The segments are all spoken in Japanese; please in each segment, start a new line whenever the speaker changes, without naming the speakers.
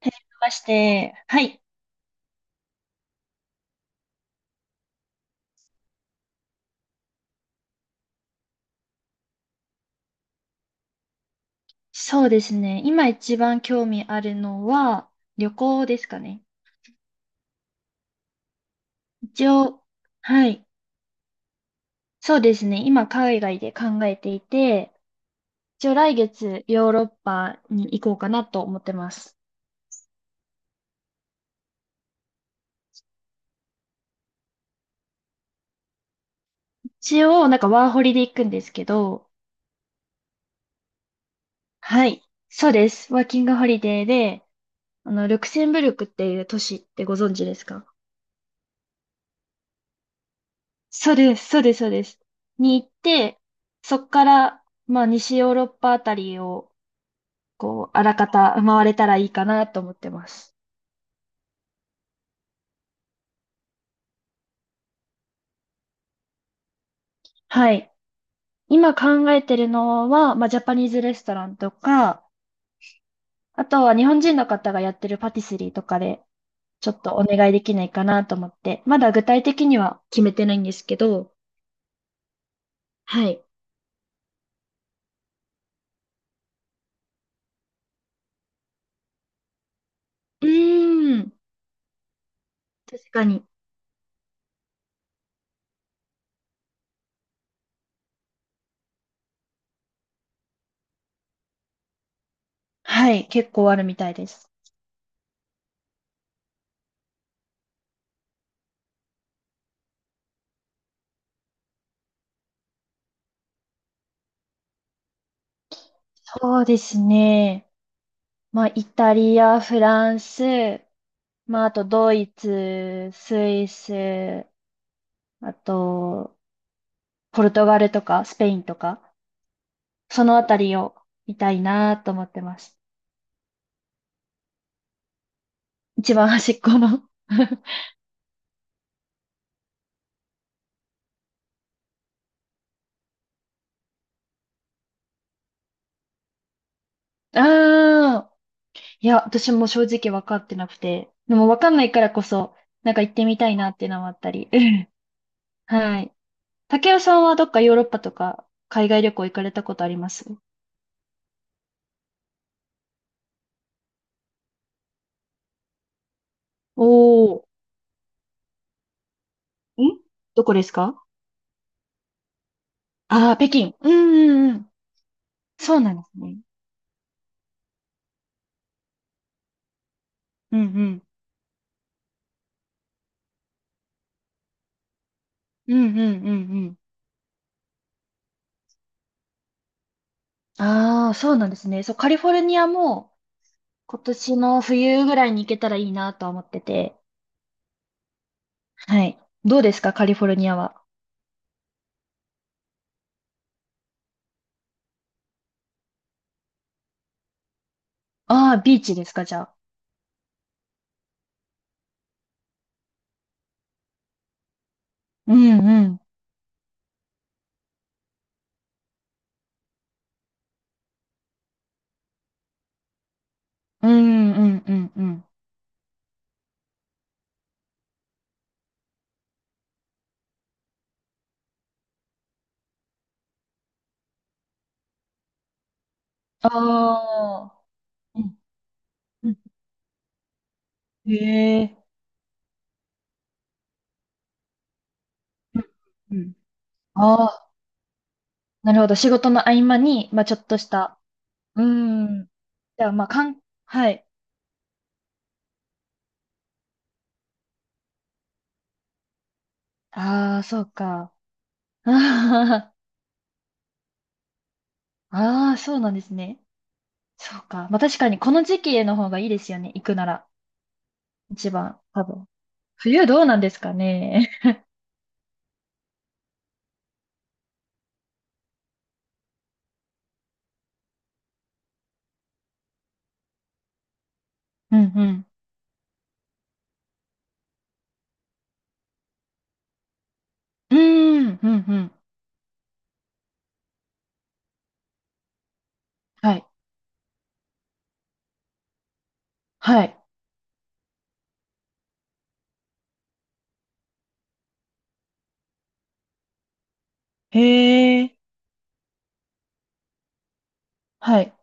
へえまして、はい。そうですね。今一番興味あるのは旅行ですかね。一応、はい。そうですね。今海外で考えていて、一応来月ヨーロッパに行こうかなと思ってます。一応なんかワーホリで行くんですけど、はい。そうです。ワーキングホリデーで、ルクセンブルクっていう都市ってご存知ですか？そうです、そうです、そうです。に行って、そっから、まあ、西ヨーロッパあたりをこう、あらかた回れたらいいかなと思ってます。はい。今考えてるのは、まあ、ジャパニーズレストランとか、あとは日本人の方がやってるパティスリーとかで、ちょっとお願いできないかなと思って、まだ具体的には決めてないんですけど、はい。うーん、確かに。はい、結構あるみたいです。そうですね。まあ、イタリア、フランス、まあ、あとドイツ、スイス、あと、ポルトガルとかスペインとか、そのあたりを見たいなと思ってます。一番端っこの ああ、いや、私も正直分かってなくて、でも分かんないからこそ、なんか行ってみたいなっていうのもあったり。はい。竹雄さんはどっかヨーロッパとか海外旅行行かれたことあります？おおー、んどこですか？ああー、北京。うんうんうん。そうなんですね。うんうん。うんうんうんうん。ああ、そうなんですね。そう、カリフォルニアも今年の冬ぐらいに行けたらいいなとは思ってて。はい。どうですか、カリフォルニアは。ああ、ビーチですか、じゃあ。うんうん。うんうんうんうん。ああ。うんうんへえ。うんうんああ、なるほど。仕事の合間に、まあちょっとした。うん。じゃあ、まあ、かん、はい。ああ、そうか。あーあー、そうなんですね。そうか。まあ確かにこの時期への方がいいですよね。行くなら。一番、多分。冬どうなんですかね。うんうん。うーん、うんうん。はい。はい。へえ。はい。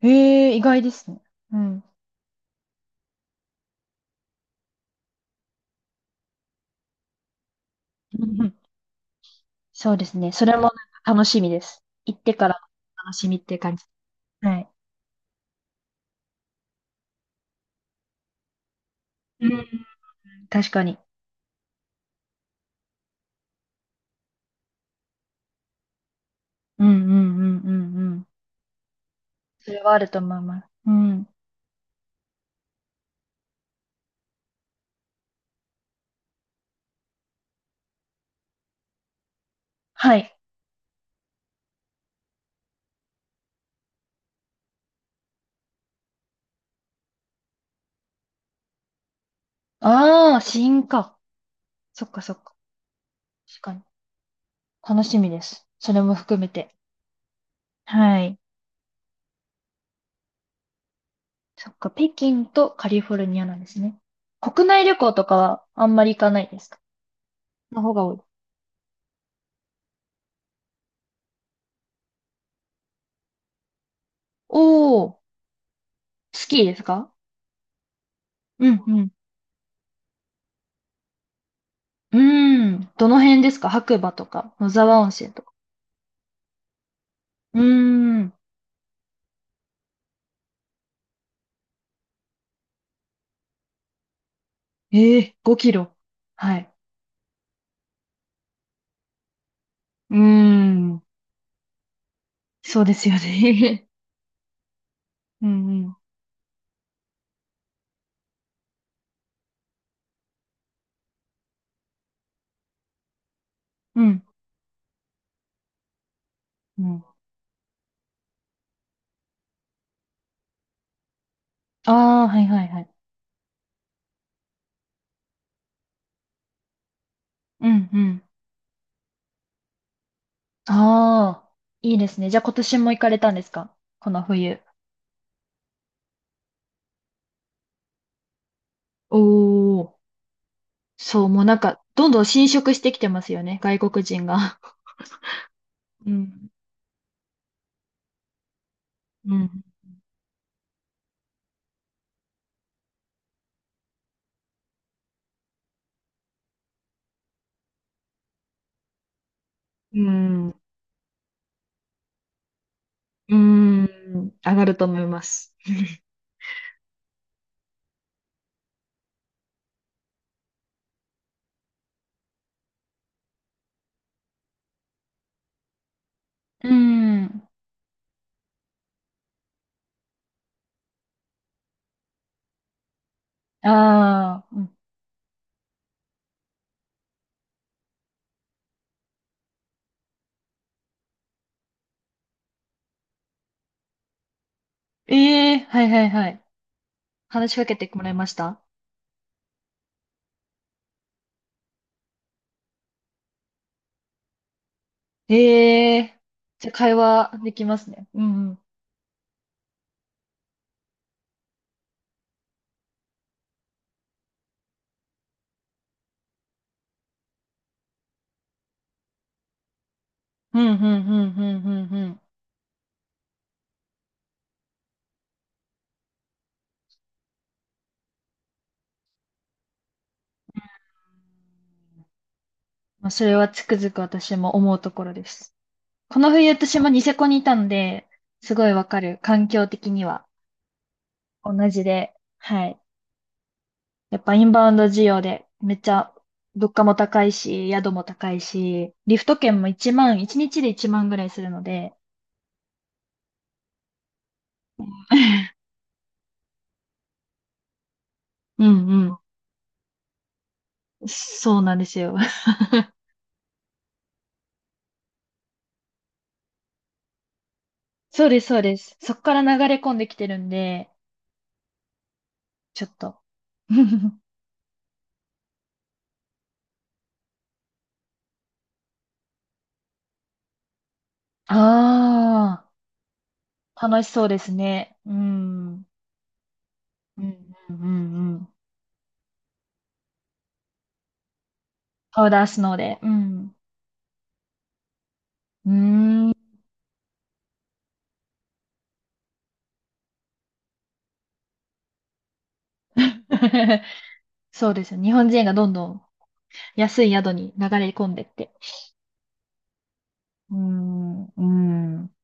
へえ、意外ですね。うん。うんうんそうですね。それもなんか楽しみです。行ってから楽しみって感じ。はい。うん。確かに。うんうんうんうんうん。それはあると思います。うん。はい。ああ、試か。そっかそっか。確かに。楽しみです。それも含めて。はい。そっか、北京とカリフォルニアなんですね。国内旅行とかはあんまり行かないですか？の方が多い。おー、スキーですか？うんうん。うーん。どの辺ですか？白馬とか、野沢温泉とか。うーん。ええ5キロ。はい。うーん。そうですよね。うんうん。うん。うん。ああ、はいはいはい。うんうん。ああ、いいですね。じゃあ今年も行かれたんですか？この冬。おー、そう、もうなんか、どんどん侵食してきてますよね、外国人が。うん、うん、うん、うん、上がると思います。うん。ああ、うん。ええはいはいはい。話しかけてもらいました？ええじゃあ会話できますね。うん。うん、うん、うん、うん、うん、うん。うんまあ、それはつくづく私も思うところです。この冬私もニセコにいたので、すごいわかる。環境的には同じで。はい。やっぱインバウンド需要でめっちゃ物価も高いし、宿も高いし、リフト券も1万、1日で1万ぐらいするので。うんうん。そうなんですよ。そうです、そうです。そこから流れ込んできてるんで、ちょっと。ああ、楽しそうですね。うん。うんうんうんうん。パウダースノーで。うん。うーん。そうですよ。日本人がどんどん安い宿に流れ込んでって。うん、うん。うん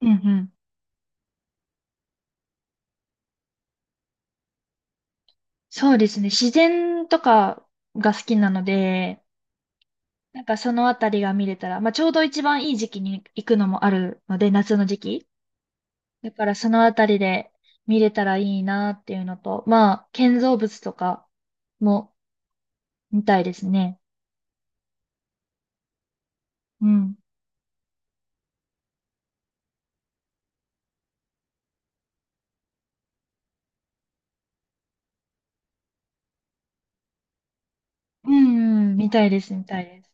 うん。そうですね。自然とかが好きなので、なんかそのあたりが見れたら、まあちょうど一番いい時期に行くのもあるので、夏の時期。だからそのあたりで見れたらいいなっていうのと、まあ建造物とかも見たいですね。うん。うんうん、見たいです、見たいです。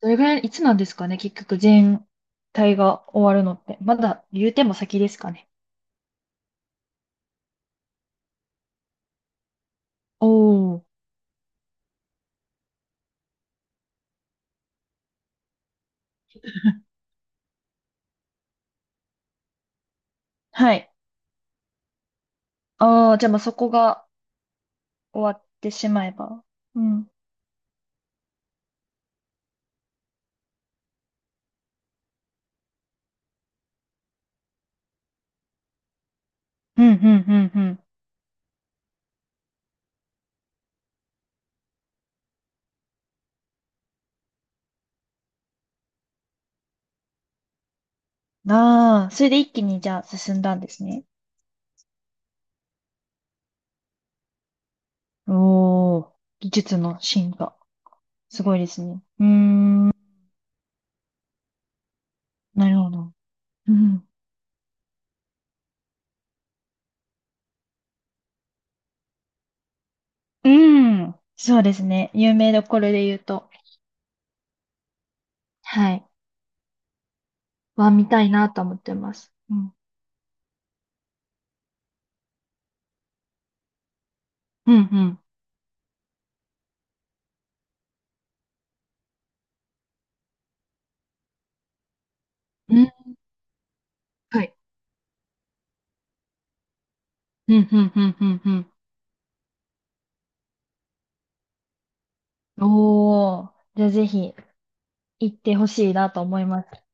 どれぐらい、いつなんですかね、結局全体が終わるのって。まだ言うても先ですかね。おー。はい。ああ、じゃあまあそこが終わってしまえば。うん。うん、うん、うん、うんああ、それで一気にじゃあ進んだんですね。おお技術の進化。すごいですね。うーん、なるほど。うん。うん。そうですね。有名どころで言うと。はい。は見たいなと思ってます。うん。うん、うん。うん、はい。うん、うん、うん、うん、うん。おー。じゃあぜひ行ってほしいなと思います。